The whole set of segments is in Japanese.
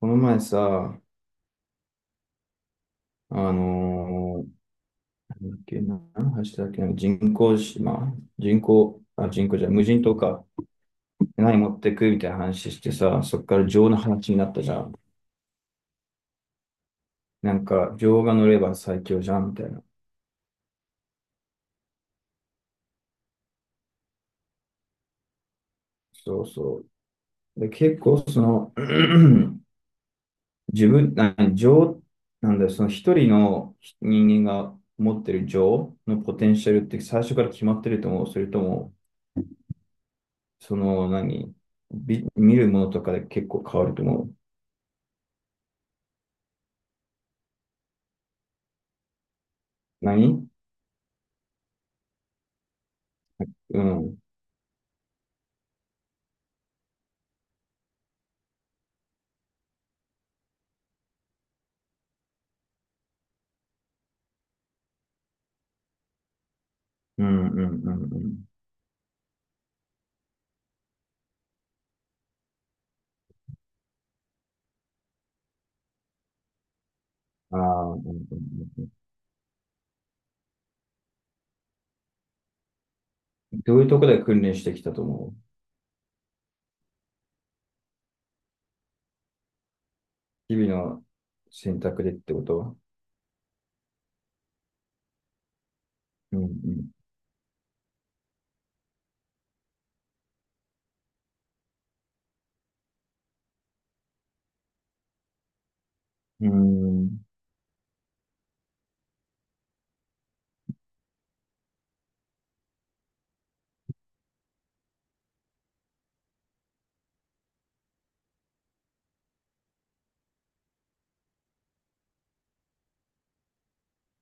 この前さ、あのなんだっけな、何の話だっけな、人工島、人工、あ、人工じゃない、無人島か。何持ってくみたいな話してさ、そっから情の話になったじゃん。なんか、情が乗れば最強じゃん、みたいな。そうそう。で、結構、自分、情、なんだよ、その一人の人間が持ってる情のポテンシャルって最初から決まってると思う。それとも、その、何、見るものとかで結構変わると思う。何？うん。うんうんうんうん。ああ、うんうんうん。どういうところで訓練してきたと思う？日々の選択でってこと？はうんうん。うん。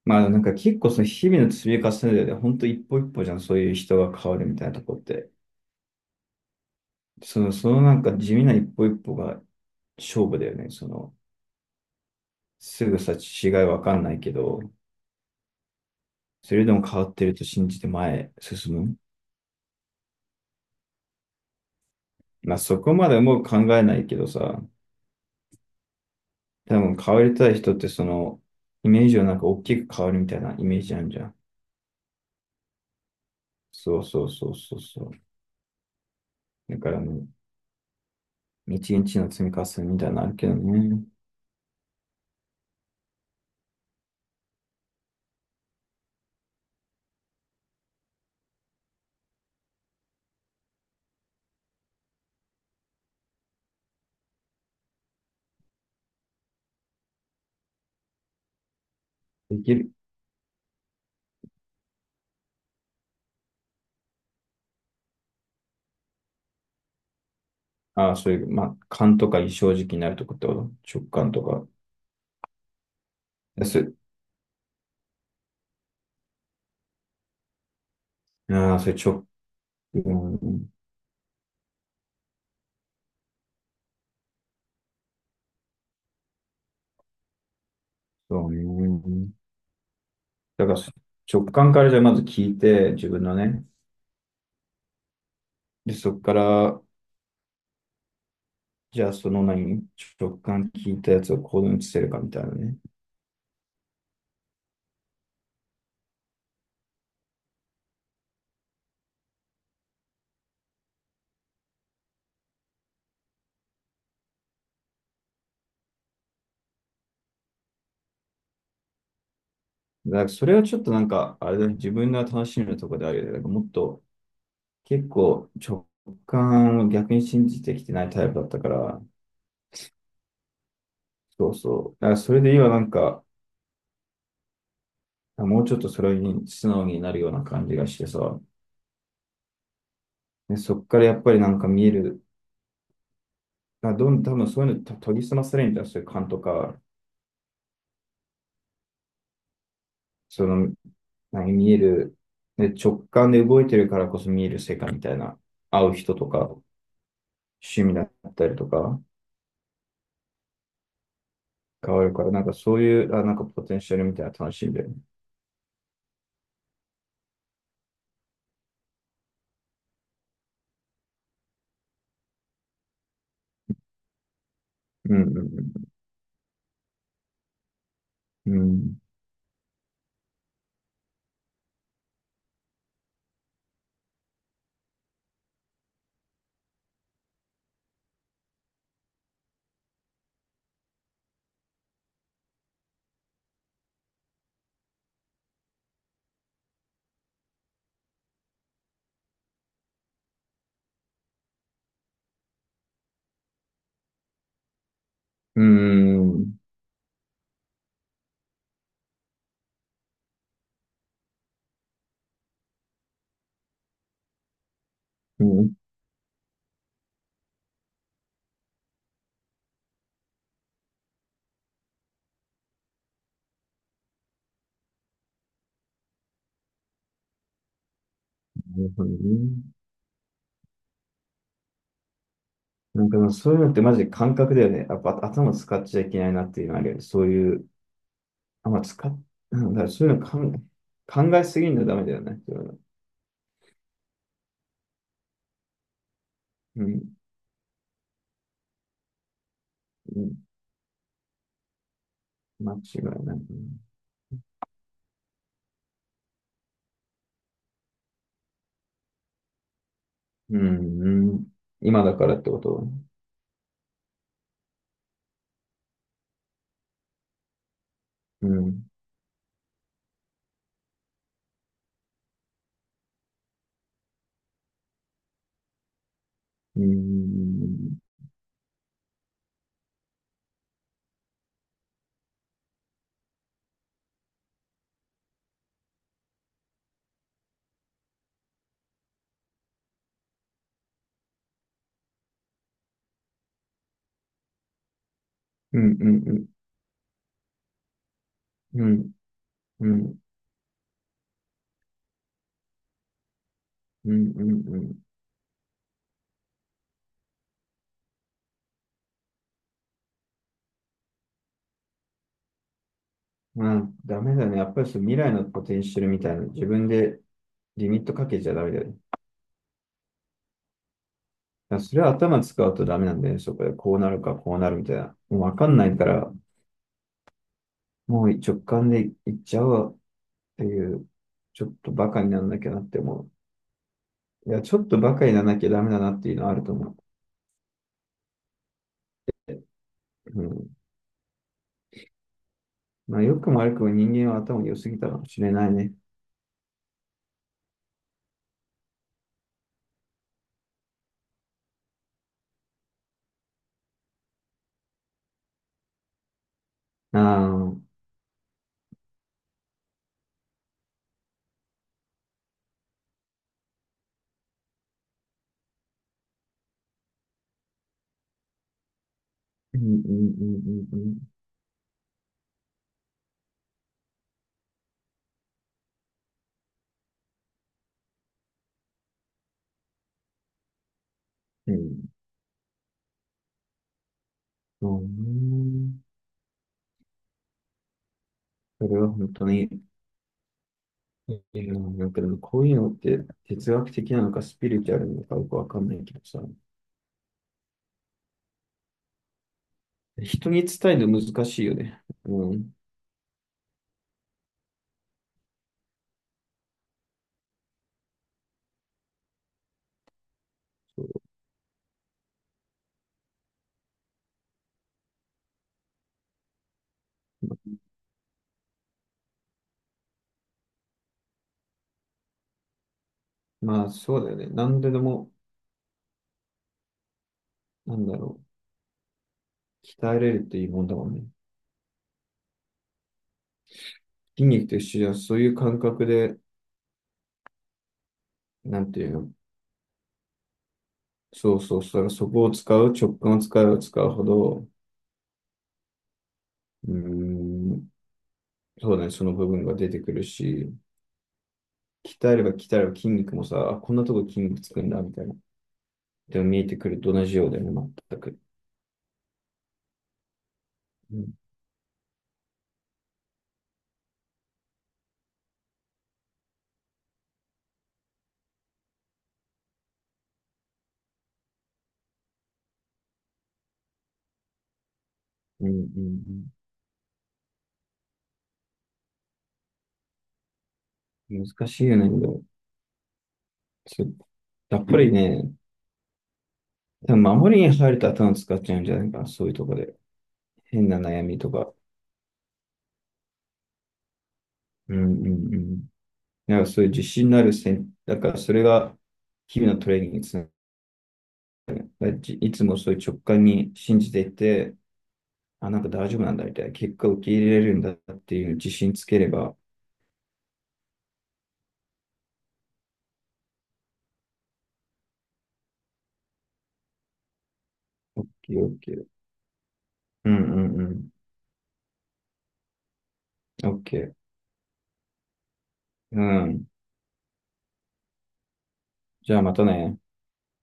まあなんか結構その日々の積み重ねでね、本当一歩一歩じゃん、そういう人が変わるみたいなとこって。そのなんか地味な一歩一歩が勝負だよね。すぐさ違いわかんないけど、それでも変わってると信じて前へ進む。まあそこまでもう考えないけどさ、多分変わりたい人ってイメージをなんか大きく変わるみたいなイメージあるじゃん。そうそうそうそうそう。だから一日の積み重ねみたいなのあるけどね。できる。ああ、そういう、まあ、感とか異常時期になるとこってこと直感とか。あ、そあーそれ直、うん、そうね。だから直感からじゃあまず聞いて、自分のね。で、そこから、じゃあその何、直感聞いたやつを行動に移せるかみたいなね。なんかそれはちょっとなんか、あれだね、自分の楽しみのところであるよね。なんかもっと結構直感を逆に信じてきてないタイプだったから、そうそう。だからそれで今なんか、もうちょっとそれに素直になるような感じがしてさ、で、そっからやっぱりなんか見える、あ、多分そういうのと研ぎ澄まされるんじゃん、そういう感とか、その、見える、で、直感で動いてるからこそ見える世界みたいな、会う人とか、趣味だったりとか、変わるから、なんかそういう、あ、なんかポテンシャルみたいなの楽しいんで、うん、うん、うん。うん、うん、うん、なるほどね。なんかでもそういうのってマジで感覚だよね。やっぱ頭使っちゃいけないなっていうのあるよね。そういう、あ、まあ、なんだろう、そういうの考えすぎるのダメだよね。そういうの、うん、うん、間違いない。うん、うん、今だからってこと、うん、うん、うん、うん、うん、うん、うん、うん、うん、うん、うん、うん、まあ、ダメだね。やっぱりその未来のポテンシャルみたいな、自分でリミットかけちゃダメだよね。だからそれは頭使うとダメなんだよね。そこでこうなるかこうなるみたいな。もうわかんないから、もう直感でいっちゃおうっていう、ちょっとバカにならなきゃなって思う。いや、ちょっとバカにならなきゃダメだなっていうのはあると思う。うん。まあ、良くも悪くも人間は頭良すぎたかもしれないね。ああ、うんうんうんうんうん。うん。うね、それは本当に、いや、なんかでもこういうのって哲学的なのかスピリチュアルなのかよくわかんないけどさ、人に伝えるの難しいよね。うん。そう。まあそうだよね。何ででも、なんだろう、鍛えれるっていいもんだもんね。筋肉と一緒じゃ、そういう感覚で、なんていうの、そうそうそう、そこを使う、直感を使えば使うほど、うーん、そうだね、その部分が出てくるし、鍛えれば筋肉もさ、あこんなとこ筋肉つくんだ、みたいな。でも見えてくると同じようだよね、全く。うんうんうん。難しいよね。でもそうやっぱりね、多分守りに入ると頭使っちゃうんじゃないかな、そういうとこで。変な悩みとか。うんうんうん。なんかそういう自信のある戦、だからそれが日々のトレーニングにつながり、いつもそういう直感に信じていて、あ、なんか大丈夫なんだみたいな、結果を受け入れれるんだっていう自信つければ、OK、ケーオッケーうんうんうん。オッケー。うん。じゃあまたね。